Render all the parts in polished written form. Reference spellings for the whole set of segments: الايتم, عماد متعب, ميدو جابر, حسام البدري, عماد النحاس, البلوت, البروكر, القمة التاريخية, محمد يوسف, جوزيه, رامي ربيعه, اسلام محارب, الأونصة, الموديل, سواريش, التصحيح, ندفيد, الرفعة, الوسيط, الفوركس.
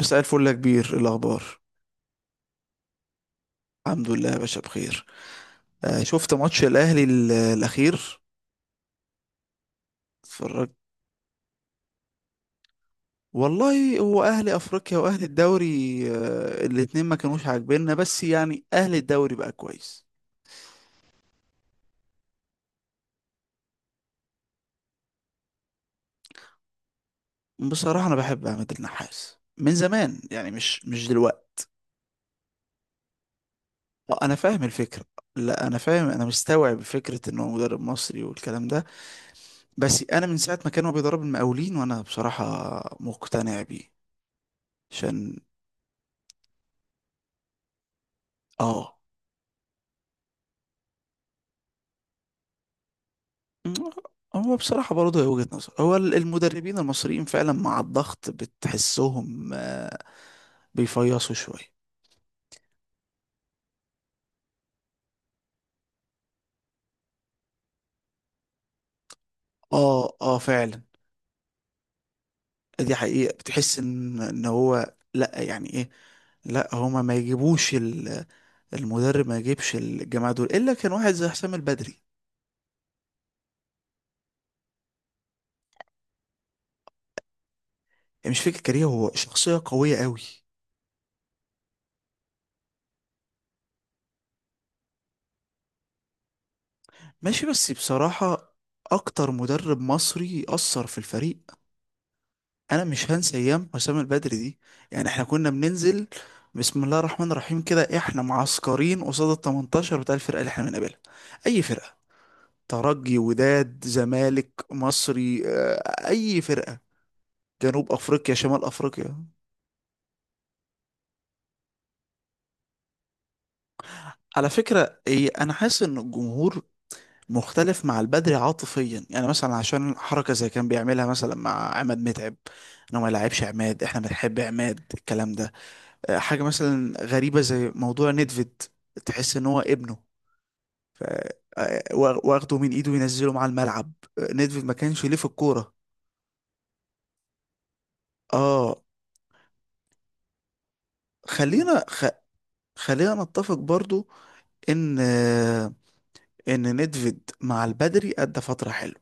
مساء الفل يا كبير، إيه الأخبار؟ الحمد لله يا باشا، بخير. شفت ماتش الأهلي الأخير؟ اتفرجت. والله هو أهلي أفريقيا وأهلي الدوري، الاتنين ما كانوش عاجبيننا، بس يعني أهلي الدوري بقى كويس. بصراحة أنا بحب عماد النحاس من زمان، يعني مش دلوقتي. آه، أنا فاهم الفكرة. لا، أنا فاهم، أنا مستوعب فكرة إن هو مدرب مصري والكلام ده. بس أنا من ساعة ما كان هو بيدرب المقاولين وأنا بصراحة مقتنع بيه. عشان آه هو بصراحة برضه، هي وجهة نظر. هو المدربين المصريين فعلا مع الضغط بتحسهم بيفيصوا شوية. اه اه، فعلا. دي حقيقة. بتحس ان هو لا، يعني ايه، لا، هما ما يجيبوش المدرب، ما يجيبش الجماعة دول الا كان واحد زي حسام البدري. يعني مش فكرة كارير، هو شخصية قوية قوي. ماشي، بس بصراحة اكتر مدرب مصري اثر في الفريق، انا مش هنسى ايام حسام البدري دي. يعني احنا كنا بننزل بسم الله الرحمن الرحيم كده، احنا معسكرين قصاد ال 18 بتاع الفرقه اللي احنا بنقابلها. اي فرقه؟ ترجي، وداد، زمالك، مصري، اي فرقه، جنوب افريقيا، شمال افريقيا. على فكره إيه، انا حاسس ان الجمهور مختلف مع البدري عاطفيا، يعني مثلا عشان حركه زي كان بيعملها مثلا مع عماد متعب انه ما يلعبش عماد، احنا بنحب عماد الكلام ده. حاجة مثلا غريبة زي موضوع ندفيد، تحس ان هو ابنه، واخده من ايده وينزله مع الملعب. ندفيد ما كانش ليه في الكورة. اه، خلينا خ... خلينا نتفق برضو ان آه، ان ندفيد مع البدري ادى فترة حلوة.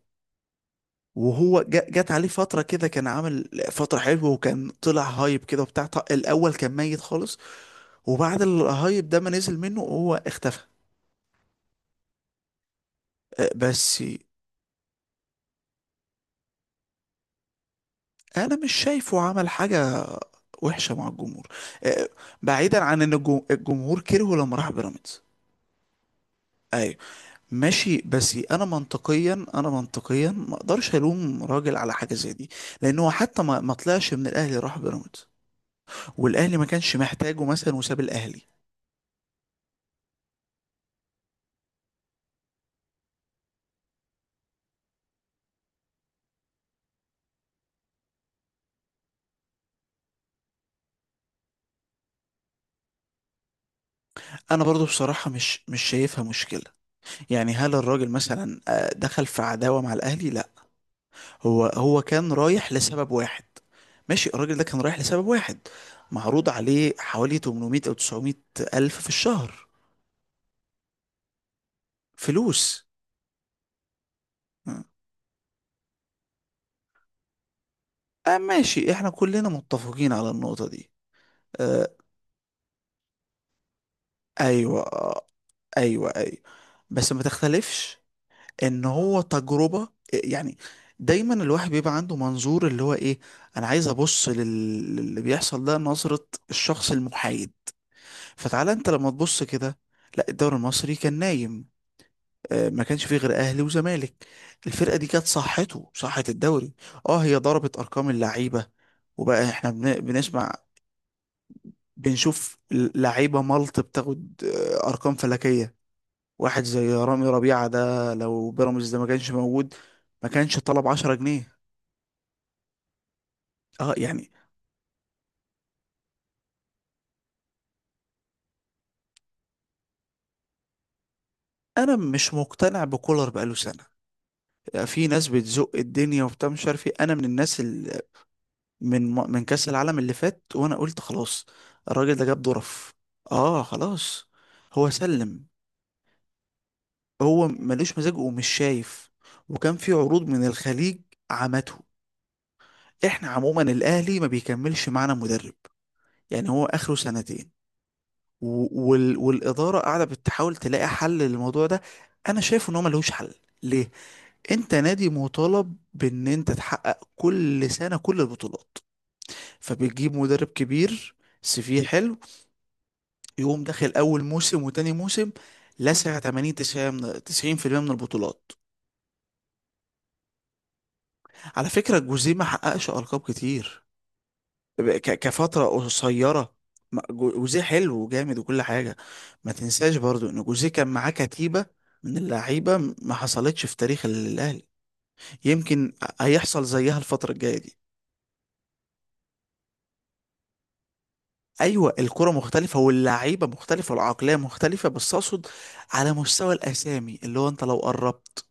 جت عليه فترة كده كان عامل فترة حلوة، وكان طلع هايب كده وبتاع، الأول كان ميت خالص، وبعد الهايب ده ما نزل منه هو اختفى. بس انا مش شايفه عمل حاجه وحشه مع الجمهور. آه، بعيدا عن ان الجمهور كرهه لما راح بيراميدز، ايوه ماشي. بس انا منطقيا، ما اقدرش الوم راجل على حاجه زي دي، لان هو حتى ما طلعش من الاهلي، راح بيراميدز والاهلي ما كانش محتاجه مثلا، وساب الاهلي. انا برضو بصراحه مش شايفها مشكله. يعني هل الراجل مثلا دخل في عداوه مع الاهلي؟ لا، هو كان رايح لسبب واحد. ماشي، الراجل ده كان رايح لسبب واحد، معروض عليه حوالي 800 او 900 الف في الشهر، فلوس. آه ماشي، احنا كلنا متفقين على النقطة دي. آه ايوه، آه ايوه، ايوه. بس ما تختلفش ان هو تجربة. يعني دايما الواحد بيبقى عنده منظور اللي هو ايه، انا عايز ابص للي بيحصل ده نظرة الشخص المحايد. فتعالى انت لما تبص كده، لا الدوري المصري كان نايم، ما كانش فيه غير اهلي وزمالك. الفرقه دي كانت صحه الدوري. اه، هي ضربت ارقام اللعيبه، وبقى احنا بنسمع، بنشوف لعيبه ملط بتاخد ارقام فلكيه. واحد زي رامي ربيعه ده لو بيراميدز ده ما كانش موجود ما كانش طلب 10 جنيه. اه يعني انا مش مقتنع بكولر، بقاله سنه. آه، في ناس بتزق الدنيا وبتاع مش عارف ايه. انا من الناس من من كأس العالم اللي فات، وانا قلت خلاص الراجل ده جاب ظرف. اه خلاص، هو سلم. هو ملوش مزاج ومش شايف، وكان في عروض من الخليج عمته. احنا عموما الاهلي ما بيكملش معانا مدرب، يعني هو اخره سنتين، والاداره قاعده بتحاول تلاقي حل للموضوع ده. انا شايف ان هو ملوش حل. ليه؟ انت نادي مطالب بان انت تحقق كل سنه كل البطولات، فبتجيب مدرب كبير سي في حلو، يقوم داخل اول موسم وتاني موسم لسع 80، 90، 90% من البطولات. على فكرة جوزيه ما حققش ألقاب كتير، كفترة قصيرة. جوزيه حلو وجامد وكل حاجة، ما تنساش برضو إن جوزيه كان معاه كتيبة من اللعيبة ما حصلتش في تاريخ الأهلي. يمكن هيحصل زيها الفترة الجاية دي. ايوه الكرة مختلفة واللعيبة مختلفة والعقلية مختلفة، بس اقصد على مستوى الاسامي، اللي هو انت لو قربت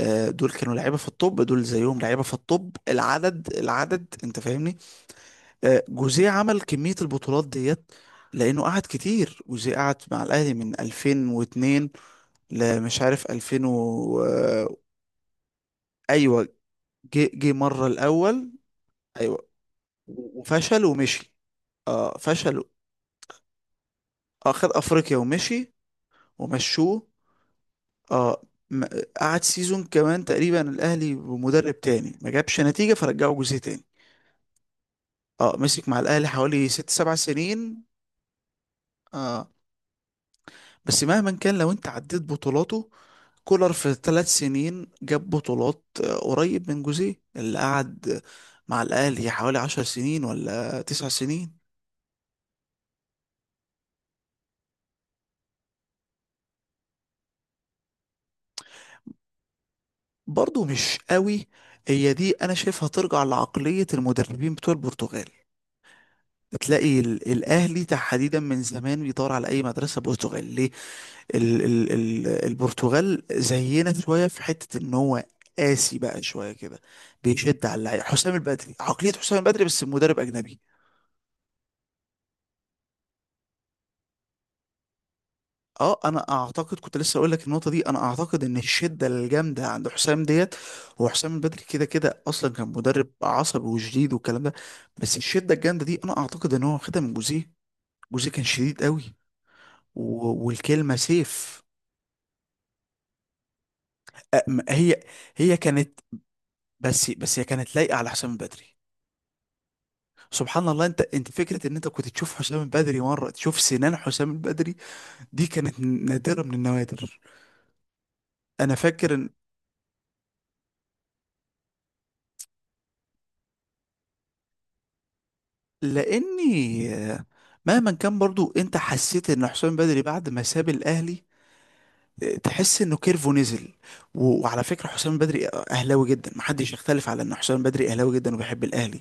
دول كانوا لعيبة في الطب، دول زيهم لعيبة في الطب، العدد العدد، انت فاهمني. جوزيه عمل كمية البطولات ديت لانه قعد كتير. جوزيه قعد مع الاهلي من 2002 لمش عارف 2000 آه ايوه، جه مرة الاول. ايوه، وفشل ومشي، اه فشل. اه، خد افريقيا ومشي، ومشوه. اه، ما- قعد سيزون كمان تقريبا الاهلي بمدرب تاني ما جابش نتيجه، فرجعه جوزيه تاني. اه، مسك مع الاهلي حوالي 6 7 سنين. اه، بس مهما كان لو انت عديت بطولاته، كولر في 3 سنين جاب بطولات قريب من جوزيه اللي قعد مع الاهلي حوالي 10 سنين ولا 9 سنين. برضه مش قوي. هي دي انا شايفها ترجع لعقليه المدربين بتوع البرتغال. بتلاقي الاهلي تحديدا من زمان بيدور على اي مدرسه برتغاليه. ال البرتغال زينا شويه في حته ان هو قاسي بقى شويه كده، بيشد على اللعيبه. حسام البدري، عقليه حسام البدري، بس مدرب اجنبي. اه، انا اعتقد كنت لسه اقول لك النقطه دي. انا اعتقد ان الشده الجامده عند حسام ديت، هو حسام البدري كده كده اصلا كان مدرب عصبي وشديد والكلام ده، بس الشده الجامده دي انا اعتقد ان هو واخدها من جوزيه. جوزيه كان شديد قوي، والكلمه سيف. أ- م- هي هي كانت هي كانت لايقه على حسام البدري. سبحان الله، انت فكره ان انت كنت تشوف حسام البدري مره، تشوف سنان حسام البدري، دي كانت نادره من النوادر. انا فاكر ان لاني آه، مهما كان برضو انت حسيت ان حسام البدري بعد ما ساب الاهلي تحس انه كيرفو نزل. وعلى فكره حسام البدري اهلاوي جدا، محدش يختلف على ان حسام البدري اهلاوي جدا وبيحب الاهلي.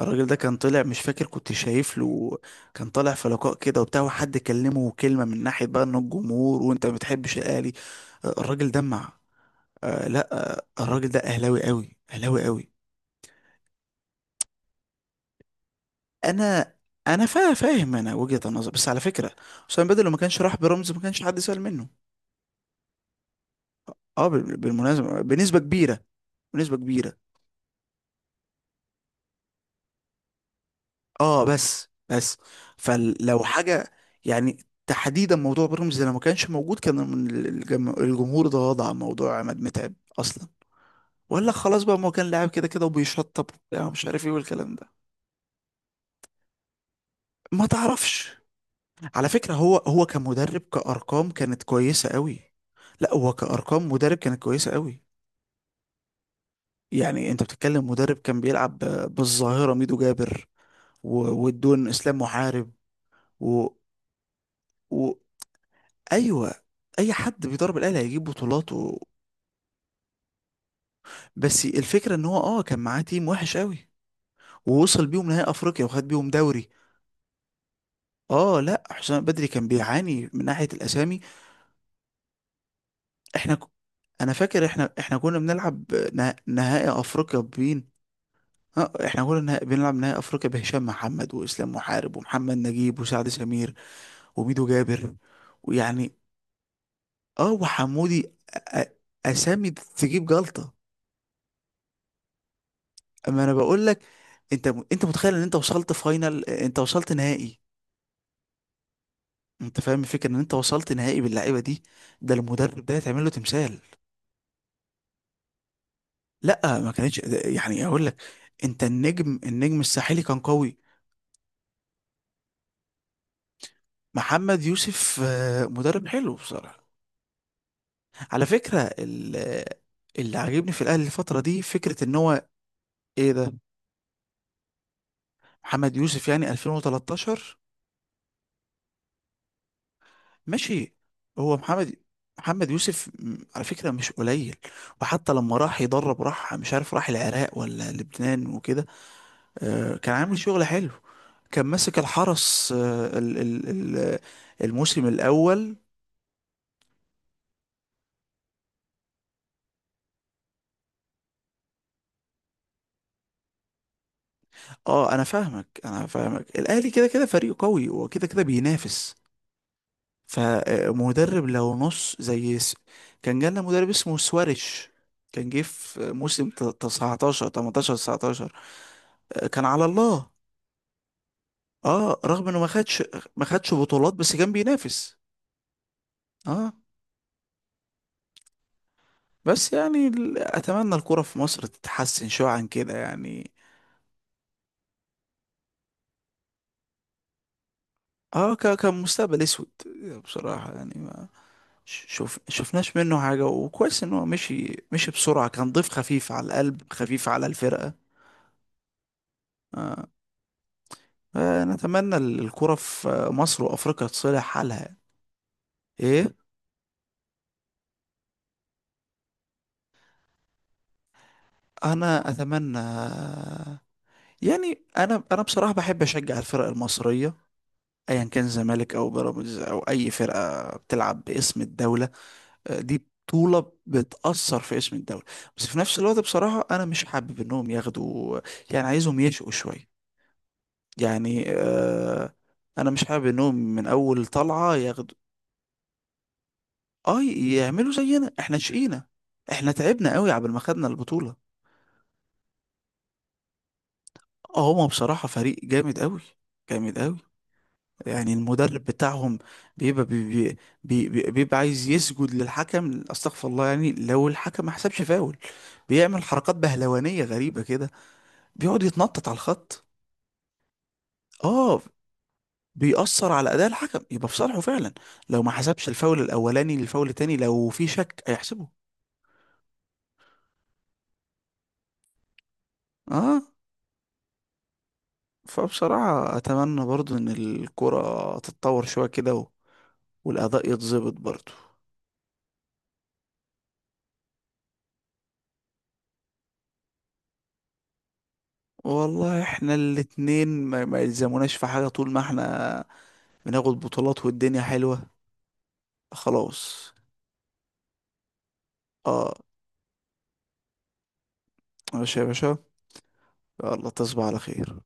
الراجل ده كان طلع، مش فاكر، كنت شايف له، كان طالع في لقاء كده وبتاع، وحد كلمه كلمه من ناحيه بقى ان الجمهور وانت ما بتحبش الاهلي. آه، الراجل دمع. آه لا، الراجل ده اهلاوي قوي، اهلاوي قوي. انا انا فا فاهم، انا وجهة النظر، بس على فكرة حسام بدر لو ما كانش راح برمز ما كانش حد سأل منه. اه بالمناسبة، بنسبة كبيرة، بنسبة كبيرة. اه، بس بس فلو حاجة، يعني تحديدا موضوع برمز ده لو ما كانش موجود، كان من الجمهور اتغاضى عن موضوع عماد متعب اصلا، ولا خلاص بقى، ما هو كان لاعب كده كده وبيشطب وبتاع ومش عارف ايه والكلام ده. ما تعرفش. على فكرة هو كمدرب كأرقام كانت كويسة قوي، لا هو كأرقام مدرب كانت كويسة قوي. يعني انت بتتكلم مدرب كان بيلعب بالظاهرة ميدو جابر، والدون اسلام محارب، و... و... ايوه، اي حد بيضرب الاهلي هيجيب بطولات و... بس الفكرة ان هو كان معاه تيم وحش قوي، ووصل بيهم نهائي افريقيا وخد بيهم دوري. اه لا، حسام بدري كان بيعاني من ناحية الاسامي. احنا ك... انا فاكر احنا كنا بنلعب نهائي افريقيا بمين؟ اه احنا قلنا بنلعب نهائي افريقيا بهشام محمد واسلام محارب ومحمد نجيب وسعد سمير وميدو جابر ويعني، اه، وحمودي. أ- أ- اسامي تجيب جلطة. اما انا بقول لك انت، انت متخيل ان انت وصلت فاينل، انت وصلت نهائي؟ انت فاهم الفكره ان انت وصلت نهائي باللعيبه دي، ده المدرب ده يتعمل له تمثال. لا ما كانتش يعني اقول لك، انت النجم، الساحلي كان قوي. محمد يوسف مدرب حلو بصراحه. على فكرة اللي عاجبني في الأهلي الفترة دي فكرة إن هو، إيه ده، محمد يوسف يعني 2013، ماشي. هو محمد محمد يوسف، على فكرة مش قليل. وحتى لما راح يدرب راح مش عارف راح العراق ولا لبنان وكده، آه، كان عامل شغل حلو، كان ماسك الحرس ال- الموسم الأول. اه انا فاهمك، انا فاهمك الاهلي كده كده فريق قوي وكده كده بينافس، فمدرب لو نص زي كان جالنا مدرب اسمه سواريش، كان جه في موسم 19، كان على الله. اه، رغم انه ما خدش بطولات بس كان بينافس. اه بس يعني اتمنى الكرة في مصر تتحسن شوية عن كده يعني. اه كان مستقبل اسود بصراحة. يعني ما، شوف شفناش منه حاجة، وكويس ان هو مشي مشي بسرعة، كان ضيف خفيف على القلب، خفيف على الفرقة. آه. أنا أتمنى الكرة في مصر وأفريقيا تصلح حالها. إيه؟ أنا أتمنى، يعني أنا، بصراحة بحب أشجع الفرق المصرية أيا كان زمالك أو بيراميدز أو أي فرقة بتلعب باسم الدولة. آه، دي بطولة بتأثر في اسم الدولة، بس في نفس الوقت بصراحة أنا مش حابب إنهم ياخدوا، يعني عايزهم يشقوا شوية، يعني آه، أنا مش حابب إنهم من أول طلعة ياخدوا. اه يعملوا زينا، احنا شقينا، احنا تعبنا قوي عبال ما خدنا البطولة. اه هما بصراحة فريق جامد قوي، جامد قوي. يعني المدرب بتاعهم بيبقى بي بي بي بي- بيبقى عايز يسجد للحكم، استغفر الله، يعني لو الحكم ما حسبش فاول بيعمل حركات بهلوانية غريبة كده، بيقعد يتنطط على الخط. اه بيأثر على أداء الحكم يبقى في صالحه فعلا، لو ما حسبش الفاول الأولاني للفاول التاني لو في شك هيحسبه. اه، فبصراحة أتمنى برضو إن الكرة تتطور شوية كده، والأداء يتظبط برضو. والله احنا الاتنين ما يلزموناش في حاجة طول ما احنا بناخد بطولات والدنيا حلوة، خلاص. اه ماشي يا باشا، يلا تصبح على خير.